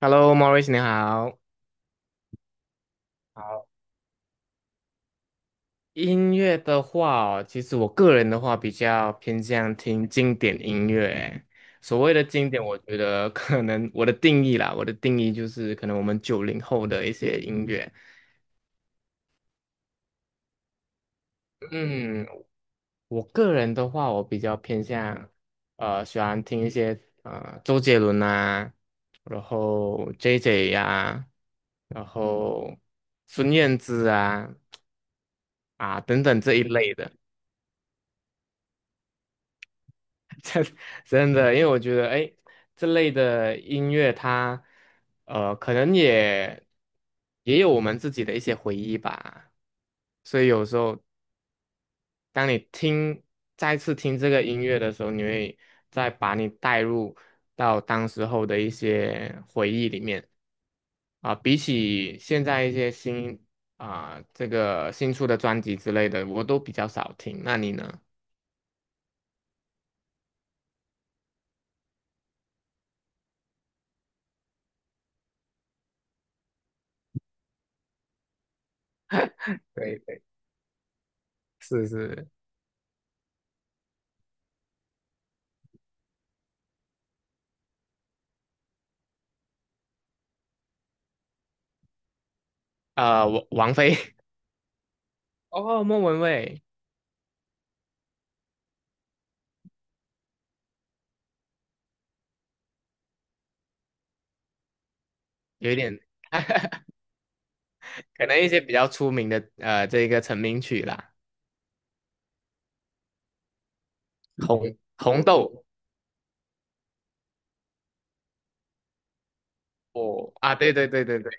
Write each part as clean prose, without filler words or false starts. h e l l o m a u r i c 你好。好，音乐的话哦，其实我个人的话比较偏向听经典音乐欸。所谓的经典，我觉得可能我的定义就是可能我们90后的一些音乐。嗯，我个人的话，我比较偏向喜欢听一些周杰伦啊，然后 JJ 呀、然后孙燕姿啊等等这一类的。真的，因为我觉得，哎，这类的音乐它，可能也有我们自己的一些回忆吧。所以有时候，当你再次听这个音乐的时候，你会再把你带入到当时候的一些回忆里面啊。比起现在一些新啊，这个新出的专辑之类的，我都比较少听。那你呢？对对，是是，王菲。哦，莫文蔚有一点，可能一些比较出名的这个成名曲啦，红豆哦啊，对对对对对，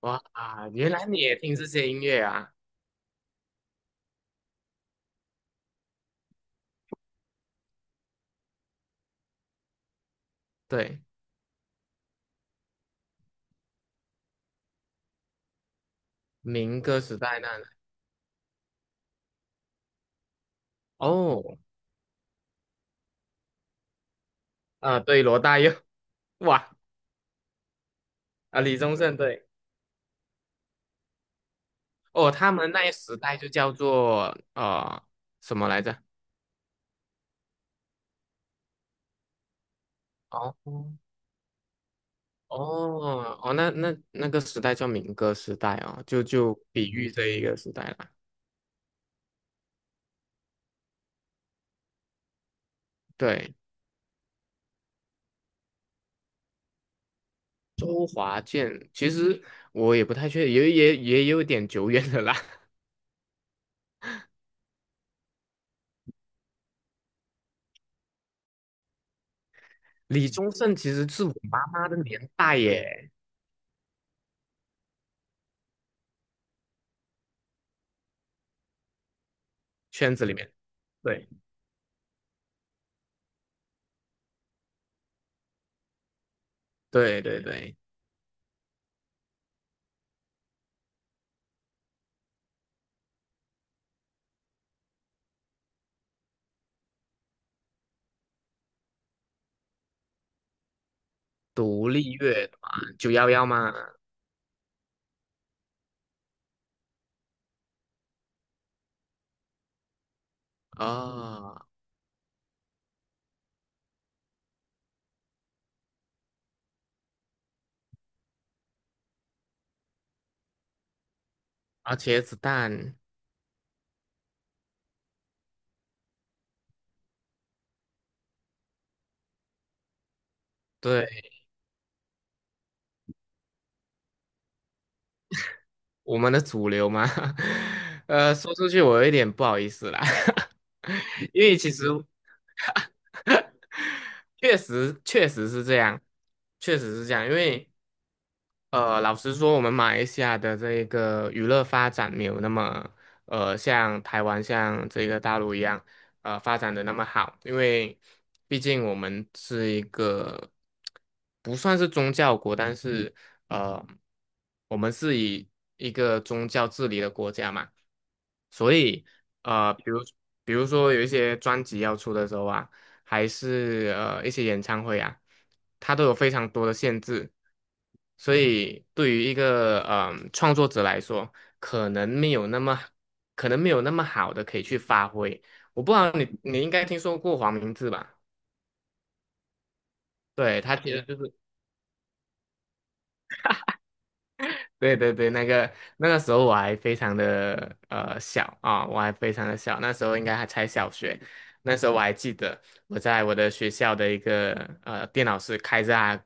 哇啊，原来你也听这些音乐啊？对，民歌时代那哦啊，对，罗大佑哇啊，李宗盛对哦，他们那一时代就叫做什么来着？哦哦哦，那个时代叫民歌时代哦，就比喻这一个时代啦。对，周华健，其实我也不太确定，也有点久远的啦。李宗盛其实是我妈妈的年代耶，圈子里面。对对对对，独立乐团911嘛，啊而且子弹，对我们的主流嘛，说出去我有一点不好意思啦，因为其实 确实确实是这样，确实是这样，因为。老实说，我们马来西亚的这个娱乐发展没有那么，像台湾、像这个大陆一样，发展的那么好，因为毕竟我们是一个不算是宗教国，但是呃，我们是以一个宗教治理的国家嘛。所以呃，比如比如说有一些专辑要出的时候啊，还是一些演唱会啊，它都有非常多的限制，所以对于一个创作者来说，可能没有那么可能没有那么好的可以去发挥。我不知道你应该听说过黄明志吧？对，他其实就是。对对对，那个时候我还非常的小啊，我还非常的小，那时候应该还才小学。那时候我还记得我在我的学校的一个电脑室开着他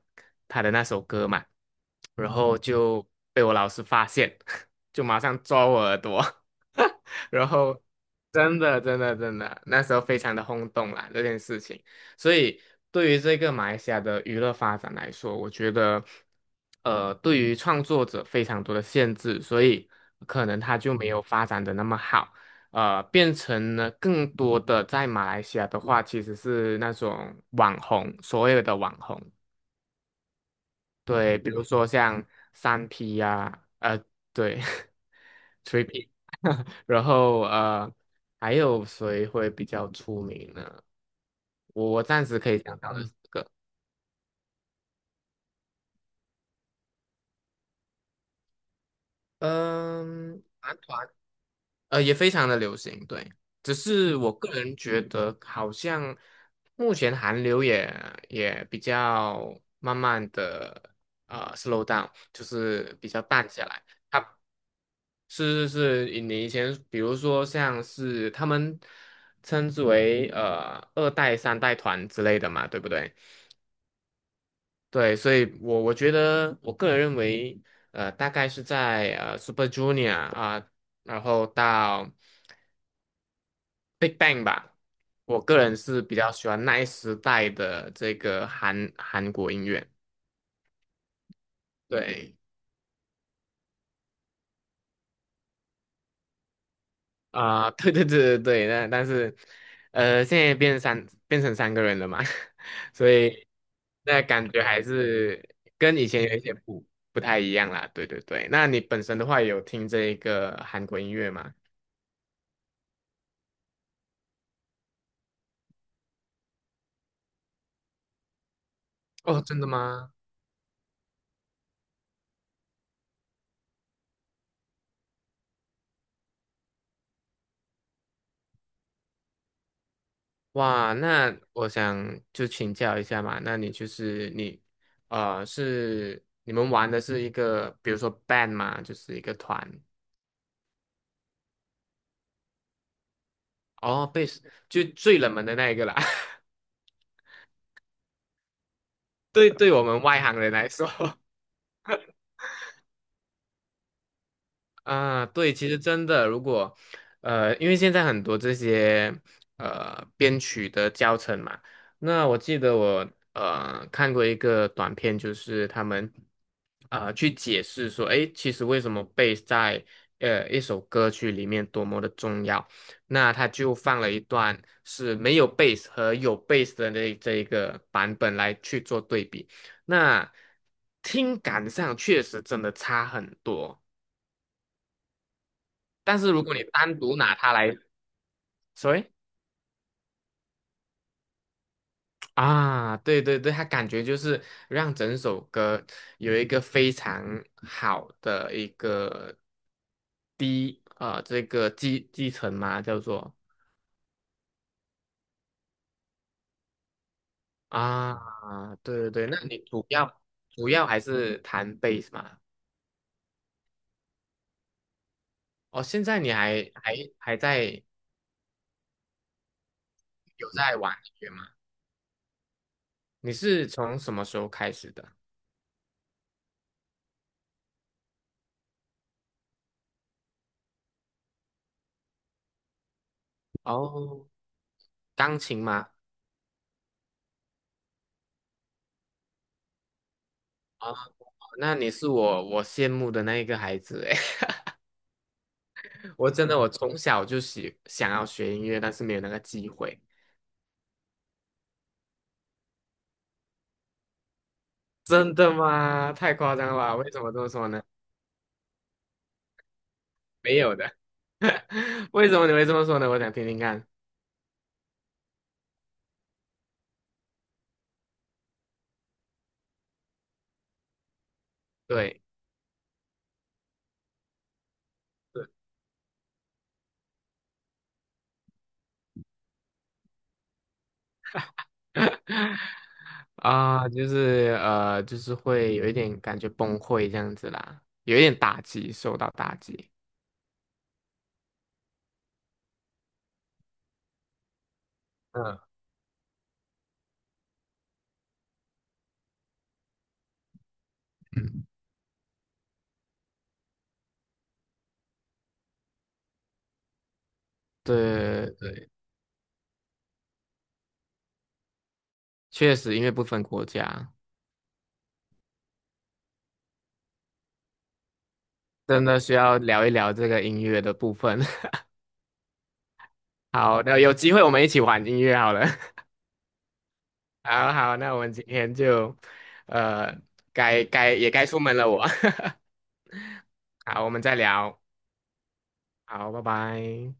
他的那首歌嘛，然后就被我老师发现，就马上抓我耳朵，然后真的真的真的，那时候非常的轰动啦这件事情。所以对于这个马来西亚的娱乐发展来说，我觉得，对于创作者非常多的限制，所以可能他就没有发展的那么好，变成了更多的在马来西亚的话，其实是那种网红，所有的网红。对，比如说像三 P 呀、对 t r i P，然后还有谁会比较出名呢？我暂时可以想到的四个，嗯，男团，也非常的流行，对，只是我个人觉得好像目前韩流也比较慢慢的slow down，就是比较淡下来。是是是，你以前比如说像是他们称之为二代、三代团之类的嘛，对不对？对，所以我觉得我个人认为，大概是在Super Junior 啊、然后到 Big Bang 吧，我个人是比较喜欢那一时代的这个韩国音乐。对，啊、对对对对对，但是，现在变成三个人了嘛，所以那感觉还是跟以前有一些不太一样啦。对对对，那你本身的话有听这一个韩国音乐吗？哦，真的吗？哇，那我想就请教一下嘛，那你就是你，是你们玩的是一个，比如说 band 嘛，就是一个团，哦，贝斯就最冷门的那一个啦，对，对我们外行人来说。啊，对，其实真的，如果因为现在很多这些编曲的教程嘛，那我记得我看过一个短片，就是他们去解释说，诶，其实为什么 b a s 斯在一首歌曲里面多么的重要，那他就放了一段是没有 b a s 斯和有 b a s 斯的这一个版本来去做对比，那听感上确实真的差很多。但是如果你单独拿它来说，所以啊，对对对，它感觉就是让整首歌有一个非常好的一个低啊、这个继承嘛，叫做啊，对对对，那你主要还是弹贝斯嘛？哦，现在你还在有在玩音乐吗？你是从什么时候开始的？哦，钢琴吗？哦，那你是我羡慕的那一个孩子欸我真的我从小就想要学音乐，但是没有那个机会。真的吗？太夸张了吧？为什么这么说呢？没有的。为什么你会这么说呢？我想听听看。对，啊、就是会有一点感觉崩溃这样子啦，有一点打击，受到打击。嗯嗯，对对，确实，因为不分国家，真的需要聊一聊这个音乐的部分。好，那有机会我们一起玩音乐好了。好好，那我们今天就，呃，该出门了我。好，我们再聊。好，拜拜。